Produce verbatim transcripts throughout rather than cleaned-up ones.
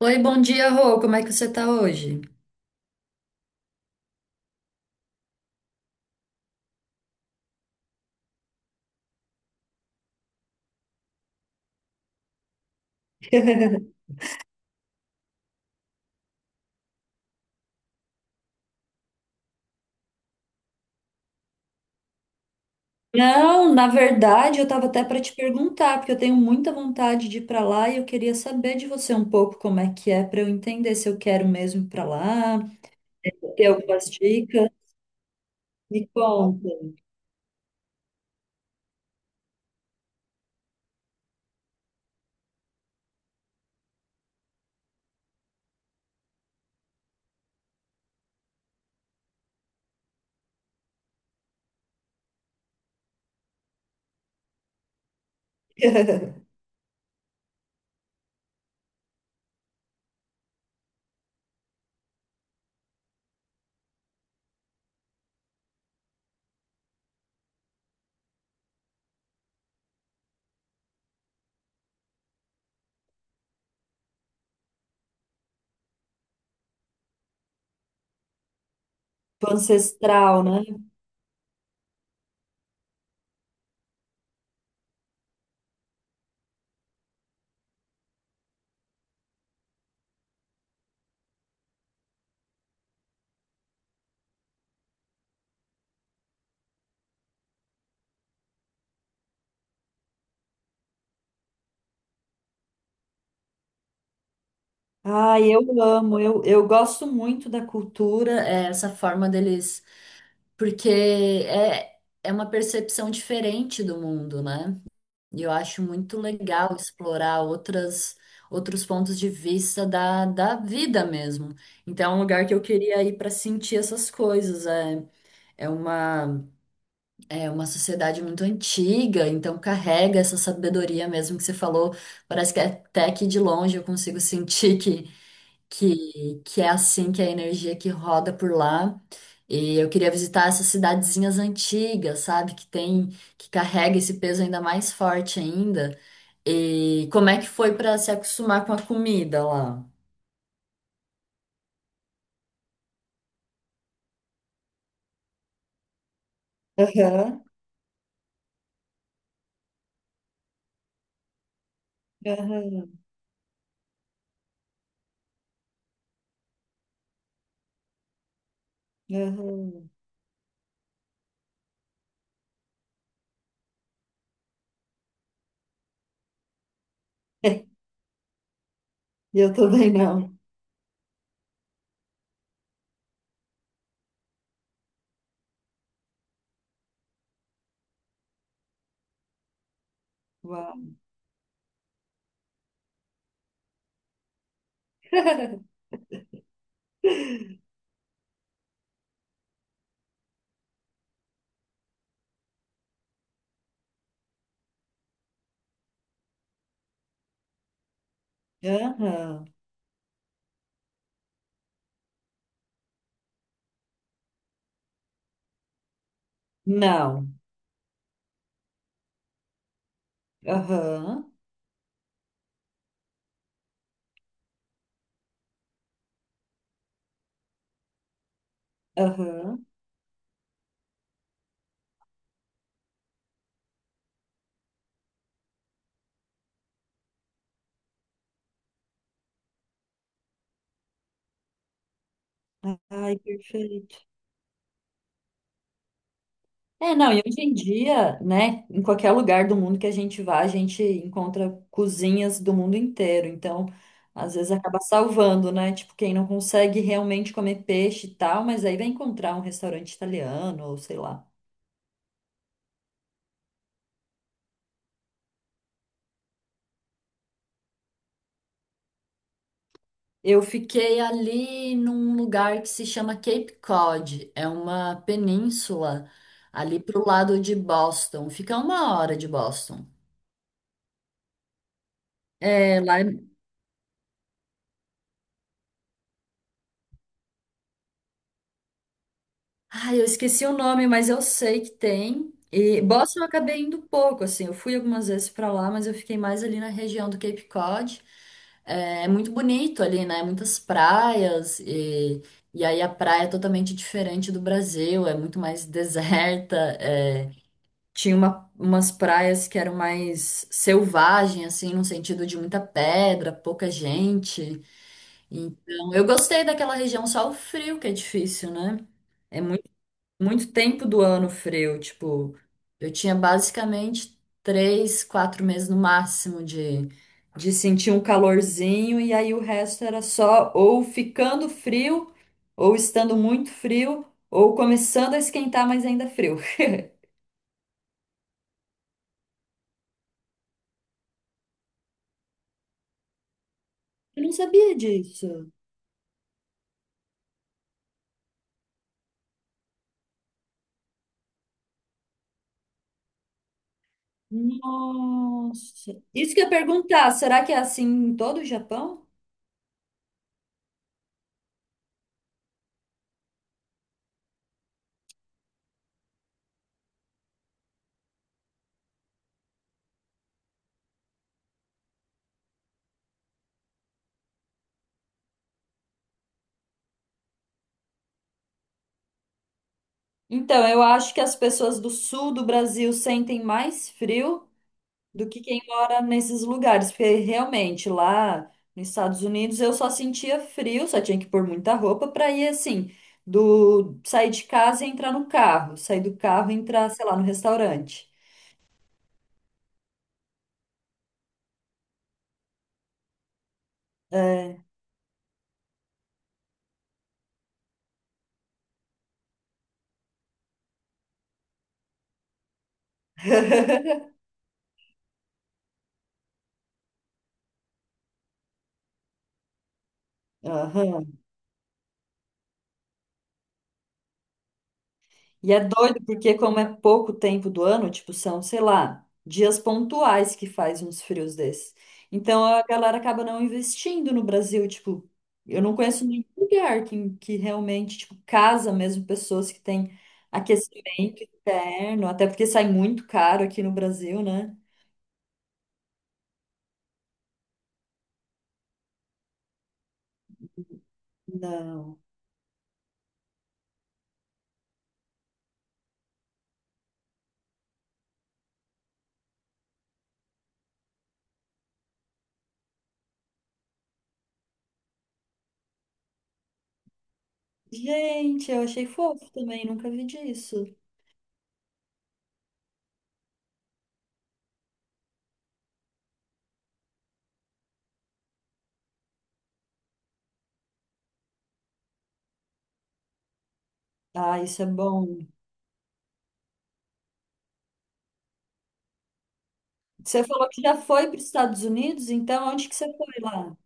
Oi, bom dia, Rô. Como é que você tá hoje? Não, na verdade, eu estava até para te perguntar, porque eu tenho muita vontade de ir para lá e eu queria saber de você um pouco como é que é para eu entender se eu quero mesmo ir para lá, ter algumas dicas. Me conta. Tipo Ancestral, né? Ah, eu amo, eu, eu gosto muito da cultura, é, essa forma deles, porque é, é uma percepção diferente do mundo, né? E eu acho muito legal explorar outras, outros pontos de vista da, da vida mesmo. Então, é um lugar que eu queria ir para sentir essas coisas. É, é uma, é uma sociedade muito antiga, então carrega essa sabedoria mesmo que você falou. Parece que até que de longe eu consigo sentir que, que, que é assim que é a energia que roda por lá. E eu queria visitar essas cidadezinhas antigas, sabe? Que tem, que carrega esse peso ainda mais forte ainda. E como é que foi para se acostumar com a comida lá? Aham, aham, aham. Eu também não. Uau. Aham. Não. Aham, aham. Ai, perfeito. É, não, e hoje em dia, né, em qualquer lugar do mundo que a gente vá, a gente encontra cozinhas do mundo inteiro. Então, às vezes acaba salvando, né? Tipo, quem não consegue realmente comer peixe e tal, mas aí vai encontrar um restaurante italiano, ou sei lá. Eu fiquei ali num lugar que se chama Cape Cod, é uma península ali pro lado de Boston, fica uma hora de Boston. É, lá. é- Ai, eu esqueci o nome, mas eu sei que tem. E Boston eu acabei indo pouco, assim, eu fui algumas vezes pra lá, mas eu fiquei mais ali na região do Cape Cod. É, é muito bonito ali, né? Muitas praias, e, e aí a praia é totalmente diferente do Brasil, é muito mais deserta. é, Tinha uma- umas praias que eram mais selvagem, assim, no sentido de muita pedra, pouca gente. Então, eu gostei daquela região, só o frio que é difícil, né? É muito, muito tempo do ano frio. Tipo, eu tinha basicamente três, quatro meses no máximo de, de sentir um calorzinho, e aí o resto era só ou ficando frio, ou estando muito frio, ou começando a esquentar, mas ainda frio. Eu não sabia disso. Nossa. Isso que eu ia perguntar, será que é assim em todo o Japão? Então, eu acho que as pessoas do sul do Brasil sentem mais frio do que quem mora nesses lugares, porque realmente lá nos Estados Unidos eu só sentia frio, só tinha que pôr muita roupa para ir assim, do sair de casa e entrar no carro, sair do carro e entrar, sei lá, no restaurante. É. Aham. E é doido porque como é pouco tempo do ano, tipo, são, sei lá, dias pontuais que faz uns frios desses. Então a galera acaba não investindo no Brasil, tipo, eu não conheço nenhum lugar que, que realmente, tipo, casa mesmo pessoas que têm aquecimento interno, até porque sai muito caro aqui no Brasil, né? Não. Gente, eu achei fofo também, nunca vi disso. Ah, isso é bom. Você falou que já foi para os Estados Unidos, então onde que você foi lá?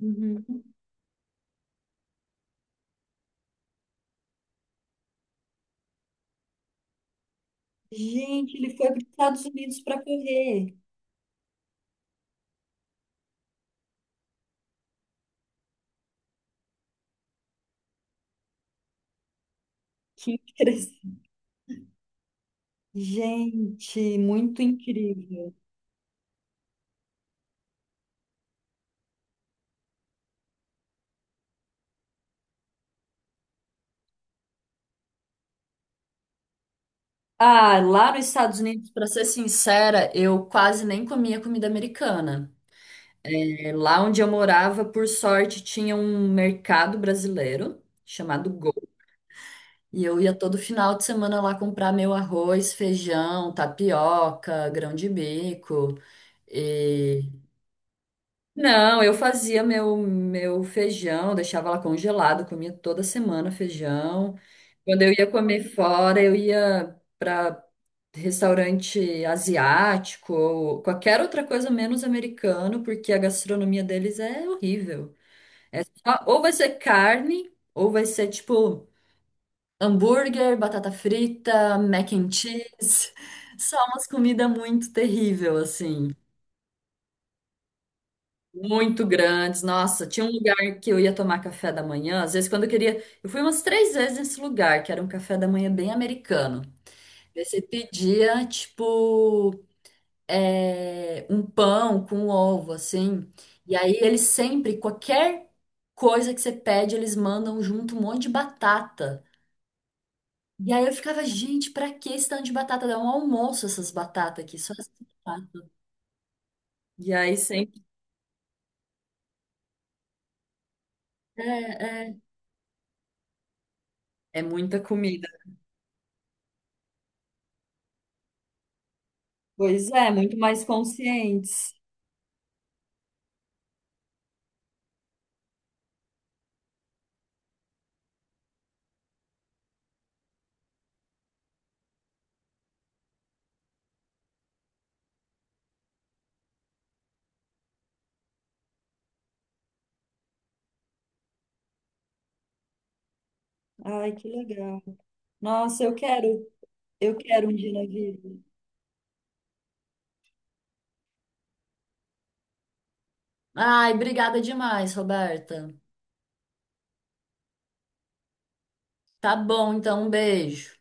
Uhum. Gente, ele foi para os Estados Unidos para correr. Que interessante. Gente, muito incrível. Ah, lá nos Estados Unidos, para ser sincera, eu quase nem comia comida americana. É, lá onde eu morava, por sorte, tinha um mercado brasileiro chamado Go. E eu ia todo final de semana lá comprar meu arroz, feijão, tapioca, grão de bico. E Não, eu fazia meu, meu feijão, deixava lá congelado, comia toda semana feijão. Quando eu ia comer fora, eu ia para restaurante asiático ou qualquer outra coisa menos americano, porque a gastronomia deles é horrível. Só- Ou vai ser carne, ou vai ser tipo hambúrguer, batata frita, mac and cheese. Só umas comidas muito terrível, assim. Muito grandes. Nossa, tinha um lugar que eu ia tomar café da manhã. Às vezes, quando eu queria. Eu fui umas três vezes nesse lugar, que era um café da manhã bem americano. Daí você pedia, tipo, é, um pão com um ovo, assim. E aí, eles sempre, qualquer coisa que você pede, eles mandam junto um monte de batata. E aí eu ficava, gente, pra que esse tanto de batata? Dá um almoço essas batatas aqui, só essas batatas. E aí sempre é, é, é muita comida. Pois é, muito mais conscientes. Ai, que legal. Nossa, eu quero, eu quero um dia na vida. Ai, obrigada demais, Roberta. Tá bom, então um beijo.